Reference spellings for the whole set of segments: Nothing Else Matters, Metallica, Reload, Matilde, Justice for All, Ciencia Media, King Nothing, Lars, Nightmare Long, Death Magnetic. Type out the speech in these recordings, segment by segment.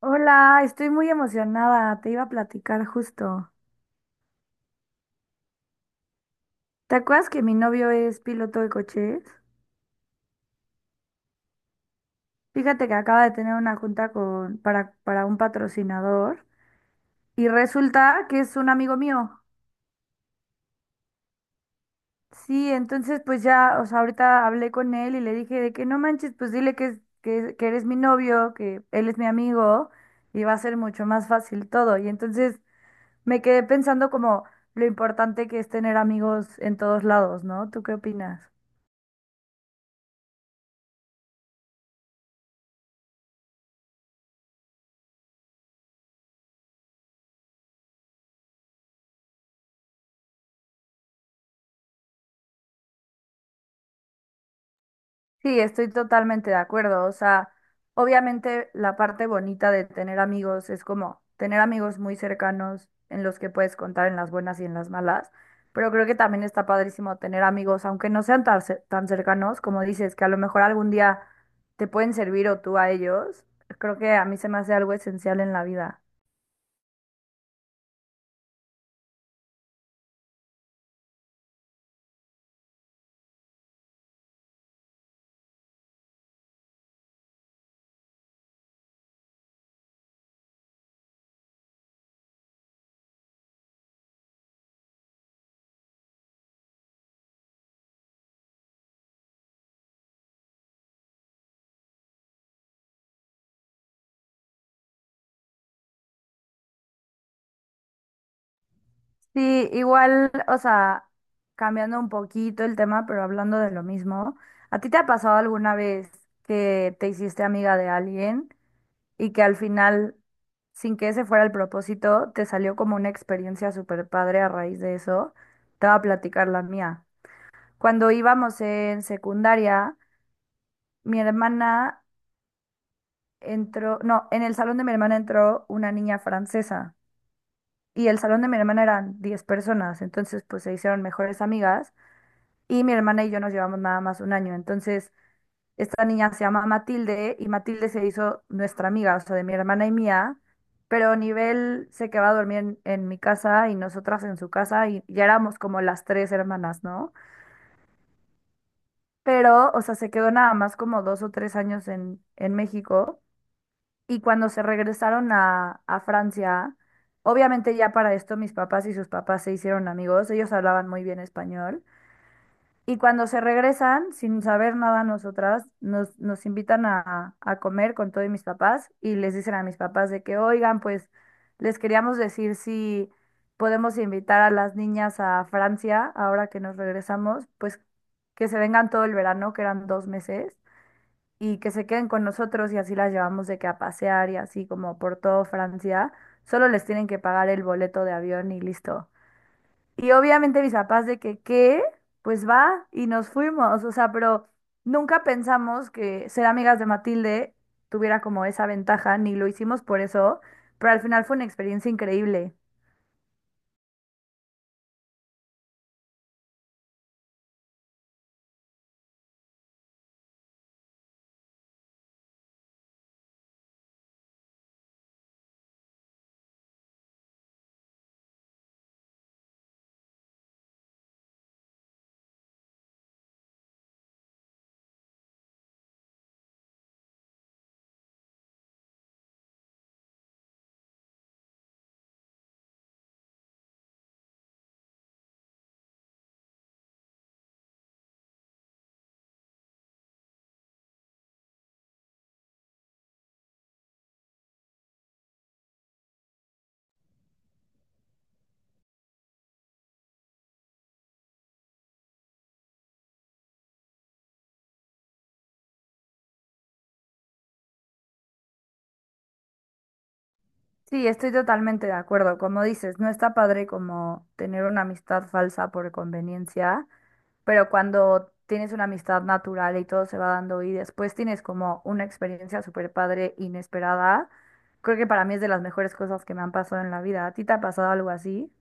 Hola, estoy muy emocionada, te iba a platicar justo. ¿Te acuerdas que mi novio es piloto de coches? Fíjate que acaba de tener una junta con, para un patrocinador y resulta que es un amigo mío. Sí, entonces pues ya, o sea, ahorita hablé con él y le dije de que no manches, pues dile que, que eres mi novio, que él es mi amigo y va a ser mucho más fácil todo. Y entonces me quedé pensando como lo importante que es tener amigos en todos lados, ¿no? ¿Tú qué opinas? Sí, estoy totalmente de acuerdo. O sea, obviamente la parte bonita de tener amigos es como tener amigos muy cercanos en los que puedes contar en las buenas y en las malas, pero creo que también está padrísimo tener amigos, aunque no sean tan, tan cercanos, como dices, que a lo mejor algún día te pueden servir o tú a ellos. Creo que a mí se me hace algo esencial en la vida. Sí, igual, o sea, cambiando un poquito el tema, pero hablando de lo mismo, ¿a ti te ha pasado alguna vez que te hiciste amiga de alguien y que al final, sin que ese fuera el propósito, te salió como una experiencia súper padre a raíz de eso? Te voy a platicar la mía. Cuando íbamos en secundaria, mi hermana entró, no, en el salón de mi hermana entró una niña francesa y el salón de mi hermana eran 10 personas, entonces pues se hicieron mejores amigas. Y mi hermana y yo nos llevamos nada más un año. Entonces, esta niña se llama Matilde y Matilde se hizo nuestra amiga, o sea, de mi hermana y mía, pero nivel se quedaba a dormir en mi casa y nosotras en su casa y ya éramos como las tres hermanas, ¿no? Pero, o sea, se quedó nada más como 2 o 3 años en México y cuando se regresaron a Francia, obviamente ya para esto mis papás y sus papás se hicieron amigos, ellos hablaban muy bien español. Y cuando se regresan, sin saber nada nosotras, nos invitan a comer con todos mis papás y les dicen a mis papás de que, oigan, pues les queríamos decir si podemos invitar a las niñas a Francia ahora que nos regresamos, pues que se vengan todo el verano, que eran 2 meses, y que se queden con nosotros y así las llevamos de que a pasear y así como por todo Francia. Solo les tienen que pagar el boleto de avión y listo. Y obviamente mis papás de que, ¿qué? Pues va y nos fuimos, o sea, pero nunca pensamos que ser amigas de Matilde tuviera como esa ventaja, ni lo hicimos por eso, pero al final fue una experiencia increíble. Sí, estoy totalmente de acuerdo, como dices, no está padre como tener una amistad falsa por conveniencia, pero cuando tienes una amistad natural y todo se va dando y después tienes como una experiencia súper padre, inesperada, creo que para mí es de las mejores cosas que me han pasado en la vida. ¿A ti te ha pasado algo así?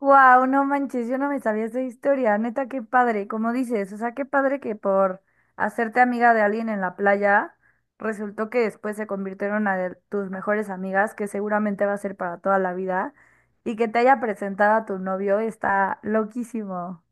Wow, no manches, yo no me sabía esa historia, neta, qué padre, como dices, o sea, qué padre que por hacerte amiga de alguien en la playa, resultó que después se convirtieron a de tus mejores amigas, que seguramente va a ser para toda la vida, y que te haya presentado a tu novio, está loquísimo.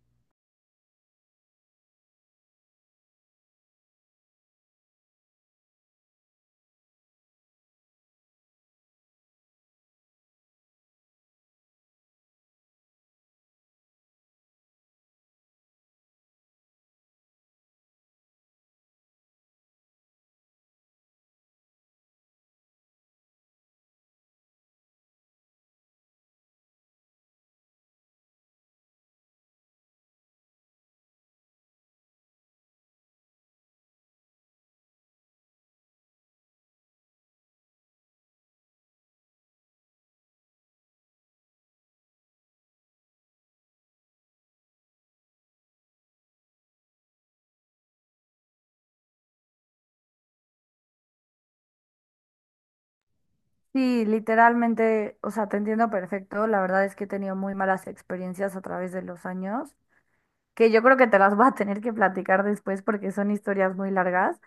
Sí, literalmente, o sea, te entiendo perfecto. La verdad es que he tenido muy malas experiencias a través de los años, que yo creo que te las voy a tener que platicar después porque son historias muy largas,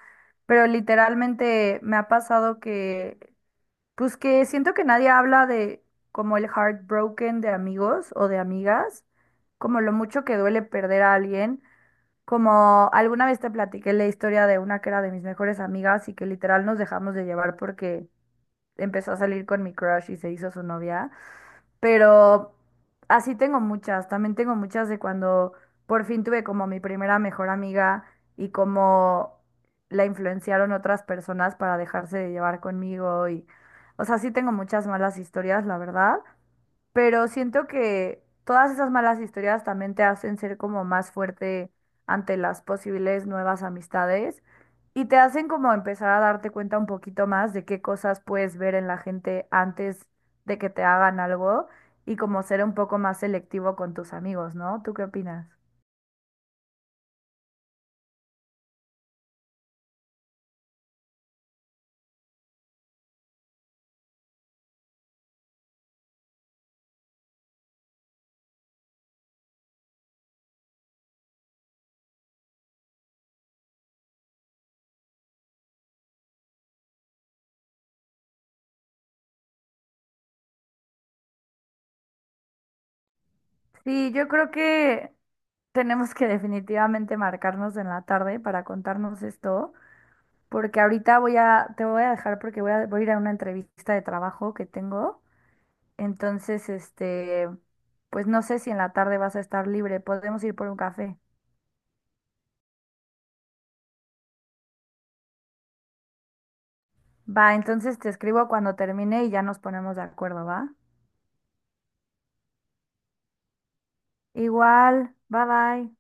pero literalmente me ha pasado que, pues que siento que nadie habla de como el heartbroken de amigos o de amigas, como lo mucho que duele perder a alguien, como alguna vez te platiqué la historia de una que era de mis mejores amigas y que literal nos dejamos de llevar porque empezó a salir con mi crush y se hizo su novia, pero así tengo muchas, también tengo muchas de cuando por fin tuve como mi primera mejor amiga y como la influenciaron otras personas para dejarse de llevar conmigo y, o sea, sí tengo muchas malas historias, la verdad, pero siento que todas esas malas historias también te hacen ser como más fuerte ante las posibles nuevas amistades y te hacen como empezar a darte cuenta un poquito más de qué cosas puedes ver en la gente antes de que te hagan algo y como ser un poco más selectivo con tus amigos, ¿no? ¿Tú qué opinas? Sí, yo creo que tenemos que definitivamente marcarnos en la tarde para contarnos esto, porque ahorita te voy a dejar porque voy a ir a una entrevista de trabajo que tengo. Entonces, este, pues no sé si en la tarde vas a estar libre, podemos ir por un café. Va, entonces te escribo cuando termine y ya nos ponemos de acuerdo, ¿va? Igual, bye bye.